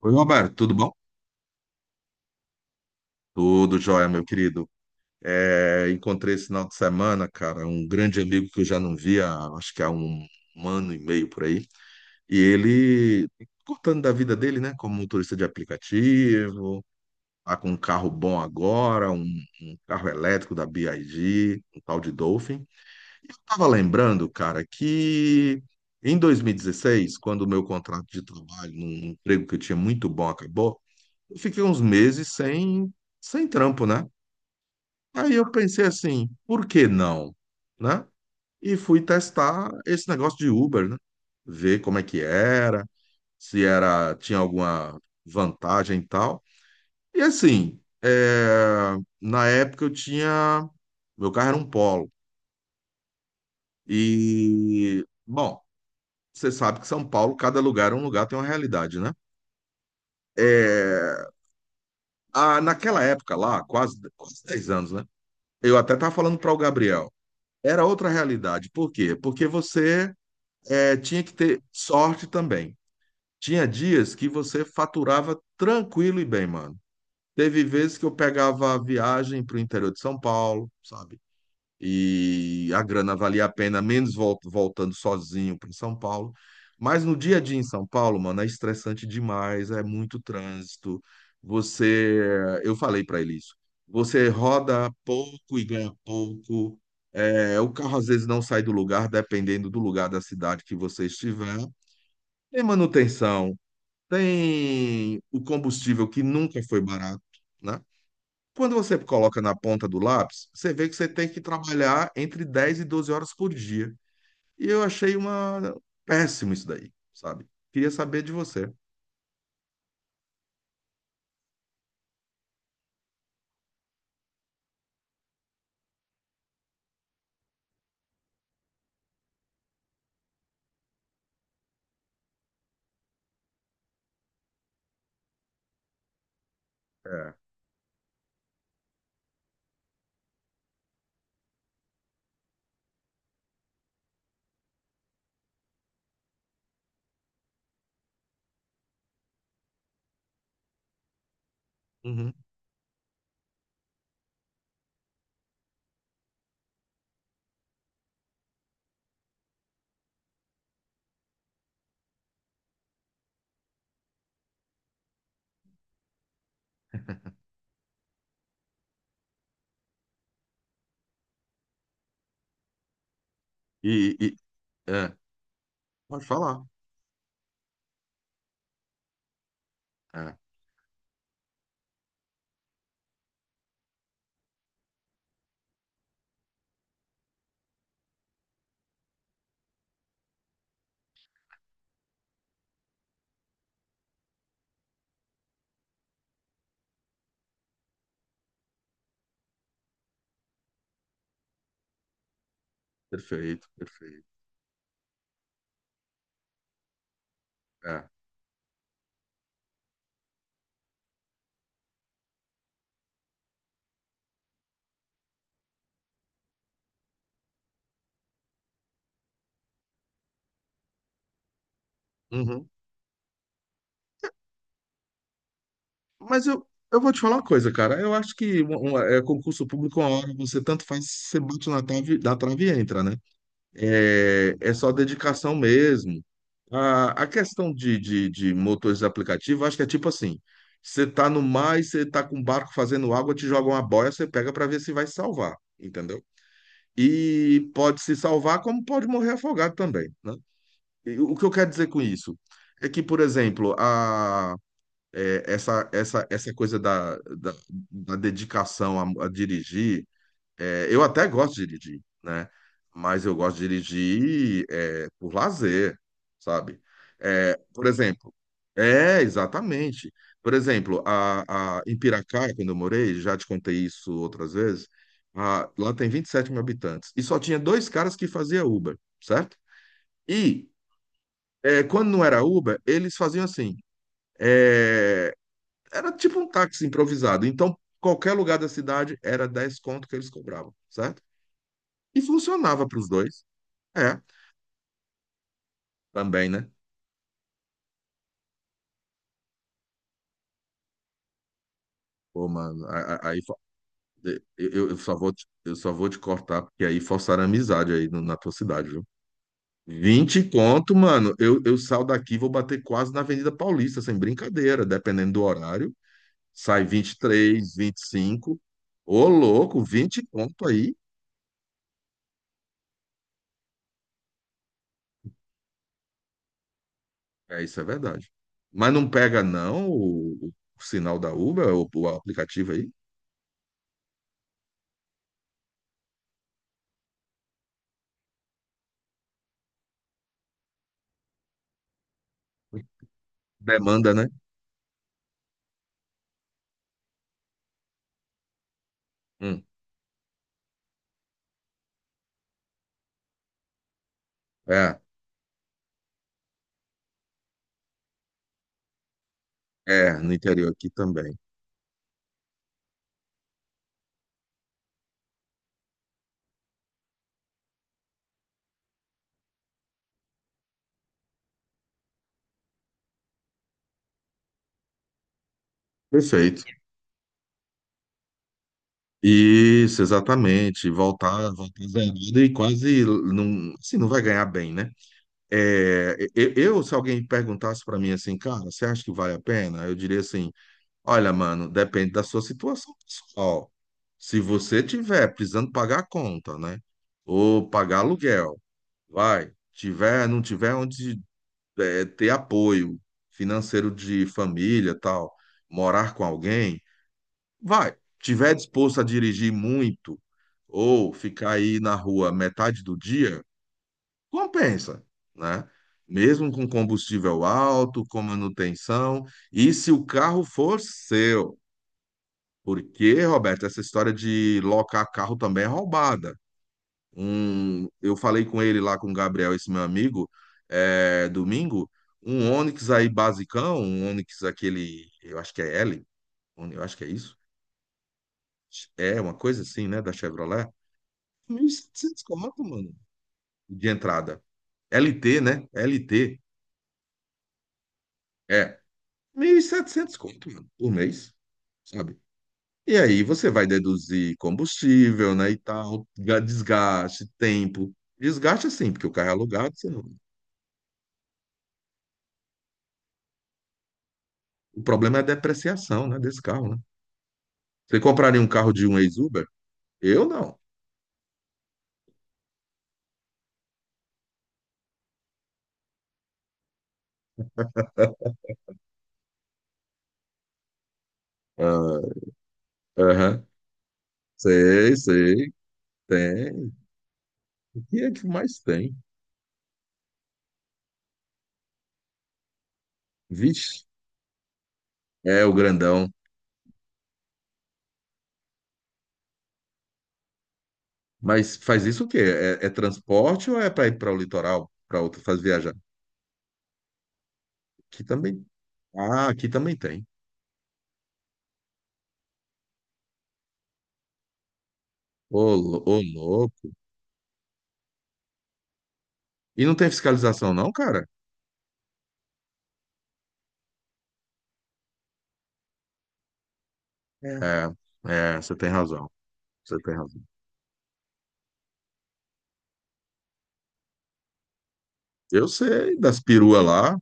Oi, Roberto, tudo bom? Tudo jóia, meu querido. É, encontrei esse final de semana, cara, um grande amigo que eu já não via, acho que há um ano e meio por aí. E ele, contando da vida dele, né, como motorista de aplicativo, tá com um carro bom agora, um carro elétrico da BYD, um tal de Dolphin. E eu tava lembrando, cara, que em 2016, quando o meu contrato de trabalho, num emprego que eu tinha muito bom, acabou. Eu fiquei uns meses sem trampo, né? Aí eu pensei assim, por que não? Né? E fui testar esse negócio de Uber, né? Ver como é que era, se era, tinha alguma vantagem e tal. E assim, na época eu tinha, meu carro era um Polo. E, bom, você sabe que São Paulo, cada lugar é um lugar, tem uma realidade, né? É, naquela época lá, quase, quase 10 anos, né? Eu até estava falando para o Gabriel. Era outra realidade. Por quê? Porque você tinha que ter sorte também. Tinha dias que você faturava tranquilo e bem, mano. Teve vezes que eu pegava a viagem para o interior de São Paulo, sabe? E a grana valia a pena, menos voltando sozinho para São Paulo. Mas no dia a dia em São Paulo, mano, é estressante demais, é muito trânsito. Você, eu falei para ele isso. Você roda pouco e ganha pouco. É, o carro às vezes não sai do lugar, dependendo do lugar da cidade que você estiver. Tem manutenção, tem o combustível que nunca foi barato, né? Quando você coloca na ponta do lápis, você vê que você tem que trabalhar entre 10 e 12 horas por dia. E eu achei uma péssimo isso daí, sabe? Queria saber de você. É. Uhum. E, é, pode falar. É, perfeito, perfeito. É. Uhum. Mas eu vou te falar uma coisa, cara. Eu acho que concurso público, uma hora você tanto faz, você bate na trave e entra, né? É, é só dedicação mesmo. A questão de motores de aplicativo, acho que é tipo assim: você tá no mar e você tá com um barco fazendo água, te joga uma boia, você pega para ver se vai se salvar, entendeu? E pode se salvar, como pode morrer afogado também, né? E o que eu quero dizer com isso é que, por exemplo, a, é, essa coisa da dedicação a dirigir. É, eu até gosto de dirigir, né? Mas eu gosto de dirigir é, por lazer, sabe? É, por exemplo, é, exatamente. Por exemplo, em Piracaia, quando eu morei, já te contei isso outras vezes, lá tem 27 mil habitantes e só tinha dois caras que faziam Uber, certo? E quando não era Uber, eles faziam assim, é, era tipo um táxi improvisado. Então, qualquer lugar da cidade era 10 conto que eles cobravam, certo? E funcionava para os dois. É, também, né? Pô, mano, eu só vou te cortar, porque aí forçaram a amizade aí na tua cidade, viu? 20 conto, mano. Eu saio daqui, vou bater quase na Avenida Paulista, sem brincadeira, dependendo do horário. Sai 20, 23, 25. Ô, louco, 20 conto aí. É, isso é verdade. Mas não pega, não, o sinal da Uber, o aplicativo aí? Demanda, né? Hum. É, é, no interior aqui também. Perfeito. Isso, exatamente. Voltar, voltar zerado e quase não, assim, não vai ganhar bem, né? É, se alguém perguntasse para mim assim, cara, você acha que vale a pena? Eu diria assim, olha, mano, depende da sua situação pessoal. Se você tiver precisando pagar a conta, né? Ou pagar aluguel, vai. Tiver, não tiver onde ter apoio financeiro de família, tal, morar com alguém, vai. Tiver disposto a dirigir muito ou ficar aí na rua metade do dia, compensa, né? Mesmo com combustível alto, com manutenção, e se o carro for seu. Porque, Roberto, essa história de locar carro também é roubada. Um, eu falei com ele lá, com o Gabriel, esse meu amigo, é, domingo, um Onix aí basicão, um Onix aquele, eu acho que é L, eu acho que é isso. É uma coisa assim, né, da Chevrolet. 1.700 conto, mano, de entrada. LT, né? LT. É. 1.700 conto, mano, por mês, sabe? E aí você vai deduzir combustível, né, e tal, desgaste, tempo. Desgaste assim, porque o carro é alugado, você não. O problema é a depreciação, né, desse carro, né? Você compraria um carro de um ex-Uber? Eu não. Ah, aham. Sei, sei. Tem. O que é que mais tem? Vixe. É o grandão, mas faz isso o quê? É, é transporte ou é para ir para o litoral, para outro fazer viajar? Aqui também. Ah, aqui também tem. Ô, ô, louco. E não tem fiscalização, não, cara? É, é, você tem razão. Você tem razão. Eu sei das peruas lá.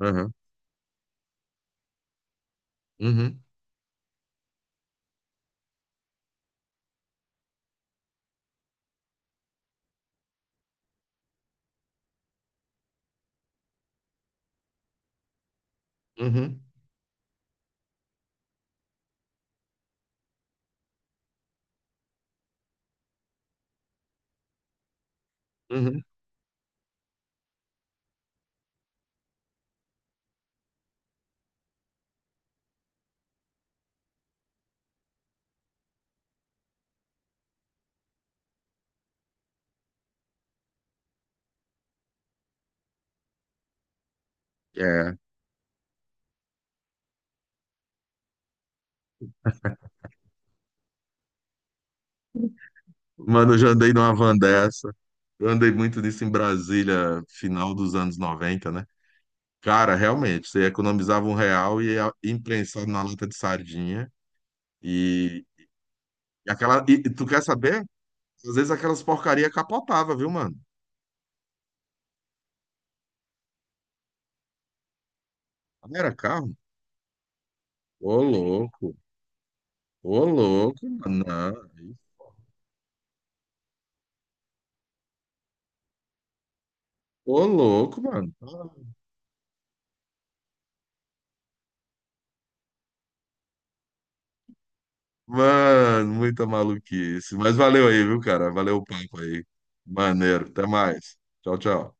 Aham. Uhum, uhum, uhum. É. Mano, eu já andei numa van dessa. Eu andei muito nisso em Brasília, final dos anos 90, né? Cara, realmente, você economizava R$ 1 e ia imprensado na lata de sardinha. e E, aquela, tu quer saber? Às vezes aquelas porcaria capotava, viu, mano? Não era carro? Ô, louco. Ô, louco, mano. Não. Ô, louco, mano. Mano, muita maluquice. Mas valeu aí, viu, cara? Valeu o papo aí. Maneiro. Até mais. Tchau, tchau.